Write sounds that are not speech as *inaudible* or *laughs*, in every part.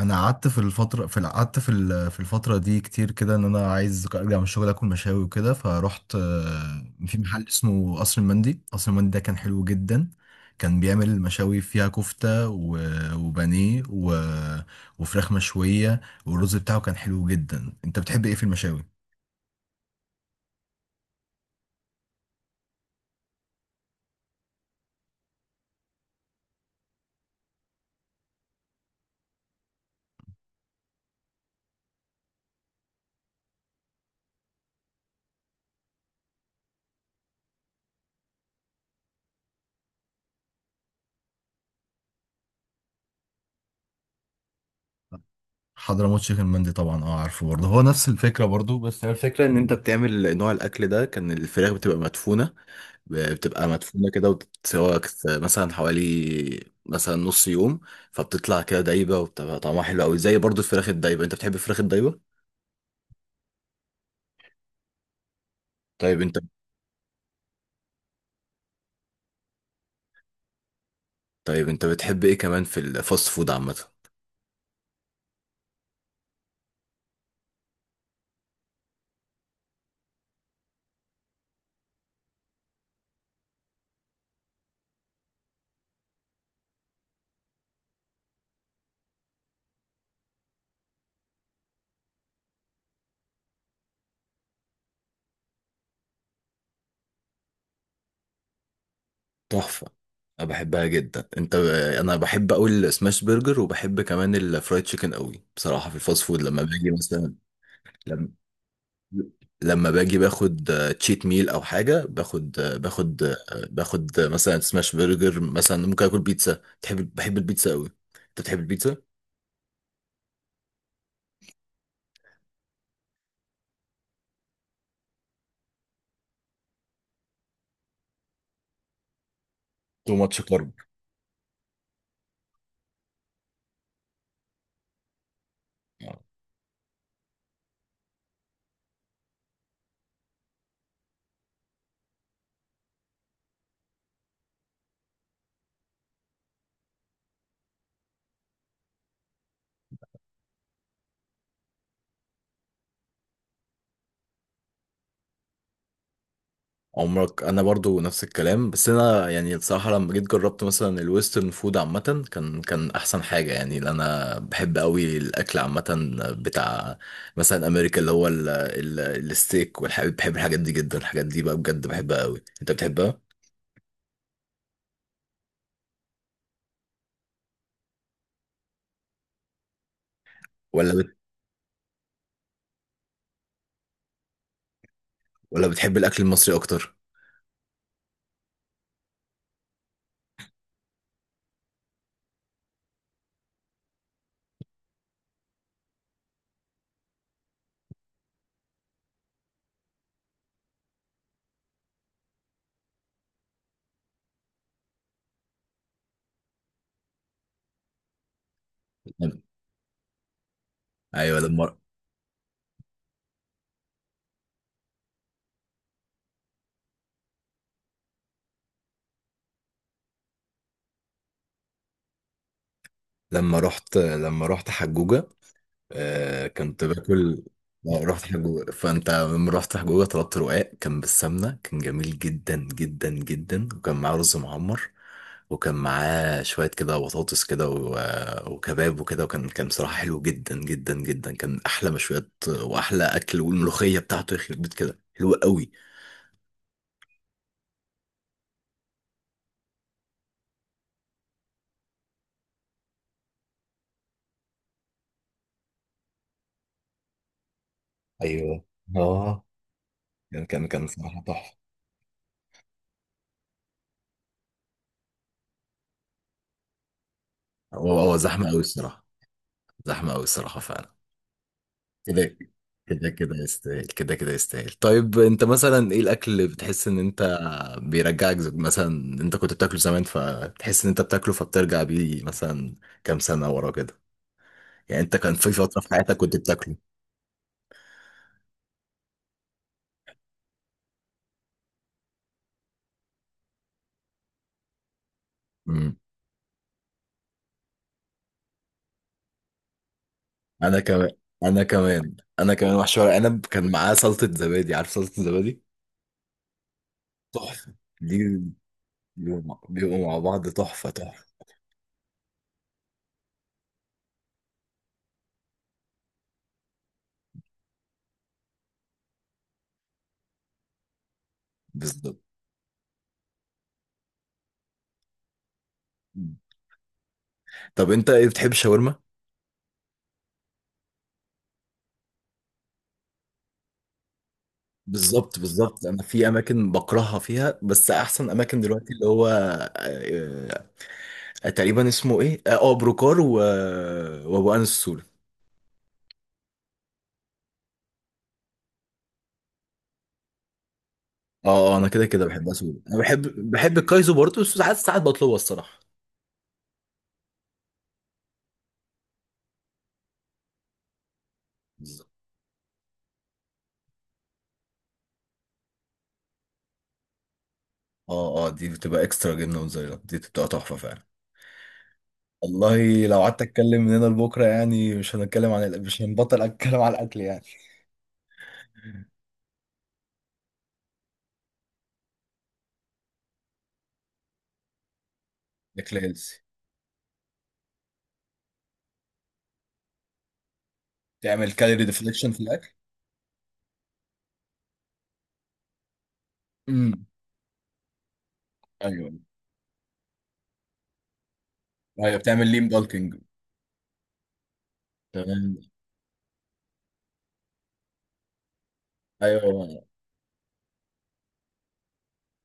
انا قعدت في الفتره في في الفتره دي كتير كده ان انا عايز ارجع من الشغل اكل مشاوي وكده فروحت في محل اسمه قصر المندي. قصر المندي ده كان حلو جدا، كان بيعمل مشاوي فيها كفته وبانيه وفراخ مشويه، والرز بتاعه كان حلو جدا. انت بتحب ايه في المشاوي؟ حضرموت تشيكن مندي، طبعا اه عارفه برضه، هو نفس الفكره برضه. الفكرة ان انت بتعمل نوع الاكل ده، كان الفراخ بتبقى مدفونة، بتبقى مدفونة كده وبتتسوى مثلا حوالي مثلا نص يوم. فبتطلع كده دايبة وبتبقى طعمها حلو قوي، زي برضو الفراخ الدايبة. انت بتحب الفراخ الدايبة؟ طيب انت طيب انت بتحب ايه كمان في الفاست فود عامة؟ تحفة، انا بحبها جدا. انا بحب قوي السماش برجر، وبحب كمان الفرايد تشيكن قوي بصراحة. في الفاست فود لما باجي مثلا، لما باجي باخد تشيت ميل او حاجه، باخد آه، باخد آه، باخد آه، مثلا سماش برجر، مثلا ممكن اكل بيتزا. تحب، بحب البيتزا قوي. انت بتحب البيتزا؟ تو ماتش كارب. عمرك، انا برضو نفس الكلام. بس انا يعني الصراحه لما جيت جربت مثلا الويسترن فود عامه كان احسن حاجه يعني، لأن انا بحب قوي الاكل عامه بتاع مثلا امريكا، اللي هو ال الستيك والحاجات. بحب الحاجات دي جدا، الحاجات دي بقى بجد بحبها قوي. انت بتحبها ولا بتحب الاكل المصري اكتر؟ لم- ايوه لما، لما رحت حجوجة، آه كنت باكل، رحت حجوجة. فانت لما رحت حجوجة طلبت رقاق كان بالسمنة، كان جميل جدا جدا جدا، وكان معاه رز معمر وكان معاه شوية كده بطاطس كده وكباب وكده. وكان بصراحة حلو جدا جدا جدا، كان أحلى مشويات وأحلى أكل، والملوخية بتاعته يخرب بيت كده حلوة قوي. ايوه، اه. كان صراحة تحفة. هو زحمة قوي الصراحة، زحمة أوي الصراحة فعلا. كده، كده يستاهل، كده يستاهل. طيب أنت مثلا إيه الأكل اللي بتحس إن أنت بيرجعك، مثلا أنت كنت بتاكله زمان فتحس إن أنت بتاكله فبترجع بيه مثلا كام سنة ورا كده؟ يعني أنت كان في فترة في حياتك كنت بتاكله. امم. أنا كمان، محشي ورق عنب كان معاه سلطة زبادي. عارف سلطة زبادي؟ تحفة دي. بيبقوا مع بعض تحفة، تحفة. بالظبط. طب أنت إيه، بتحب الشاورما؟ بالظبط، بالظبط. انا في اماكن بكرهها فيها، بس احسن اماكن دلوقتي اللي هو تقريبا اسمه ايه، اه بروكار و... وابو انس السوري. اه، انا كده كده بحبها سوري. انا بحب بحب الكايزو برضه، بس ساعات، بطلبها الصراحه. بالظبط. اه، اه، دي بتبقى اكسترا جبنه موتزاريلا، دي بتبقى تحفه فعلا. والله لو قعدت اتكلم من هنا لبكره يعني مش هنتكلم عن مش هنبطل اتكلم عن الاكل يعني. اكل هيلثي، تعمل كالوري ديفليكشن في الاكل. امم. ايوه، ايوه بتعمل ليم بالكينج. تمام. ايوه.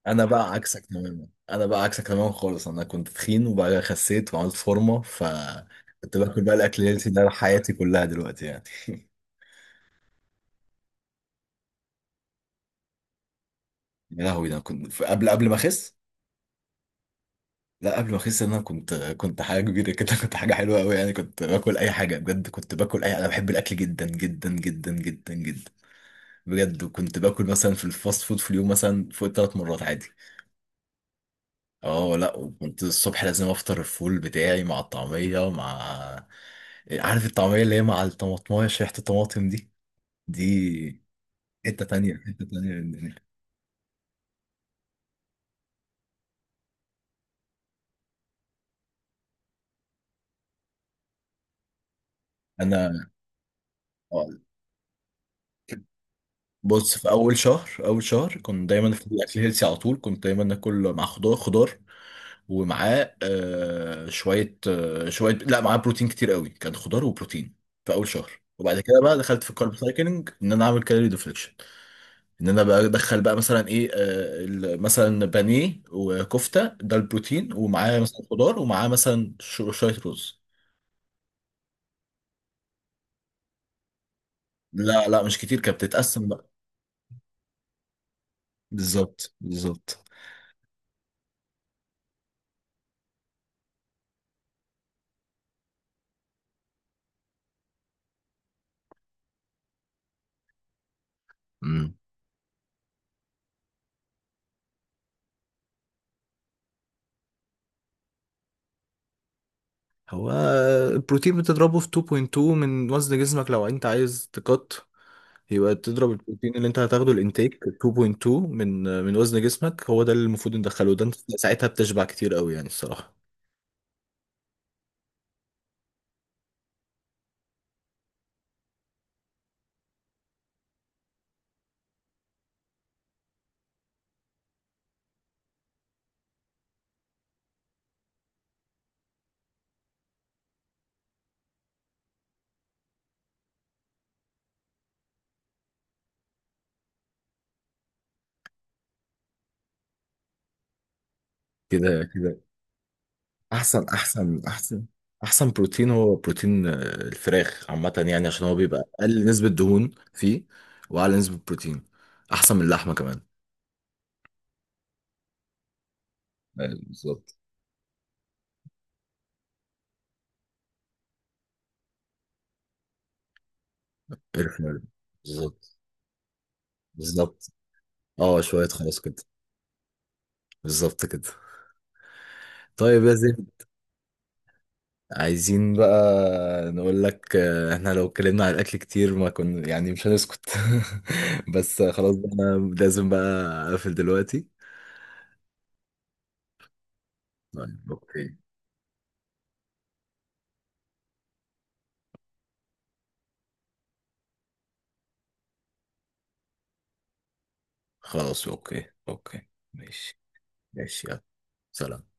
انا بقى عكسك تماما خالص. انا كنت تخين وبقى خسيت وعملت فورمه، فكنت باكل بقى الاكل الهيلثي ده حياتي كلها دلوقتي يعني. *laughs* يا لهوي، ده أنا كنت قبل ما اخس، لا قبل ما اخس انا كنت حاجه كبيره كده. *laughs* كنت حاجه حلوه قوي يعني، كنت باكل اي حاجه بجد، كنت باكل اي انا بحب الاكل جدا جدا جدا جدا جدا بجد. وكنت باكل مثلا في الفاست فود في اليوم مثلا فوق ثلاث مرات عادي. اه لا، كنت الصبح لازم افطر الفول بتاعي مع الطعمية، مع عارف الطعمية اللي هي مع الطماطماية، ريحة الطماطم دي، دي حتة تانية، من الدنيا. انا آه، بص في اول شهر، كنت دايما في الاكل هيلسي على طول، كنت دايما اكل مع خضار، ومعاه آه شوية، لا معاه بروتين كتير قوي، كان خضار وبروتين في اول شهر. وبعد كده بقى دخلت في الكارب سايكلينج، ان انا اعمل كالوري ديفليكشن. ان انا بقى ادخل بقى مثلا ايه، مثلا بانيه وكفته، ده البروتين، ومعاه مثلا خضار، ومعاه مثلا شويه رز. لا لا مش كتير، كانت بتتقسم بقى. بالظبط، بالظبط. امم، هو البروتين بتضربه في 2.2 من وزن جسمك لو انت عايز تقط، يبقى تضرب البروتين اللي انت هتاخده الانتيك 2.2 من وزن جسمك. هو ده اللي المفروض ندخله ده، انت ساعتها بتشبع كتير قوي يعني الصراحة. كده كده احسن، احسن بروتين هو بروتين، الفراخ عامه يعني، عشان هو بيبقى اقل نسبه دهون فيه، واعلى نسبه بروتين، احسن من اللحمه كمان. أيوة، بالظبط. الفراخ. بالظبط، بالظبط. اه شويه خلاص كده، بالظبط كده. طيب يا زين، عايزين بقى نقول لك، احنا لو اتكلمنا عن الاكل كتير ما كنا يعني مش هنسكت. *laughs* بس خلاص بقى انا لازم بقى اقفل دلوقتي. طيب اوكي. خلاص اوكي، اوكي ماشي. ماشي يلا. سلام.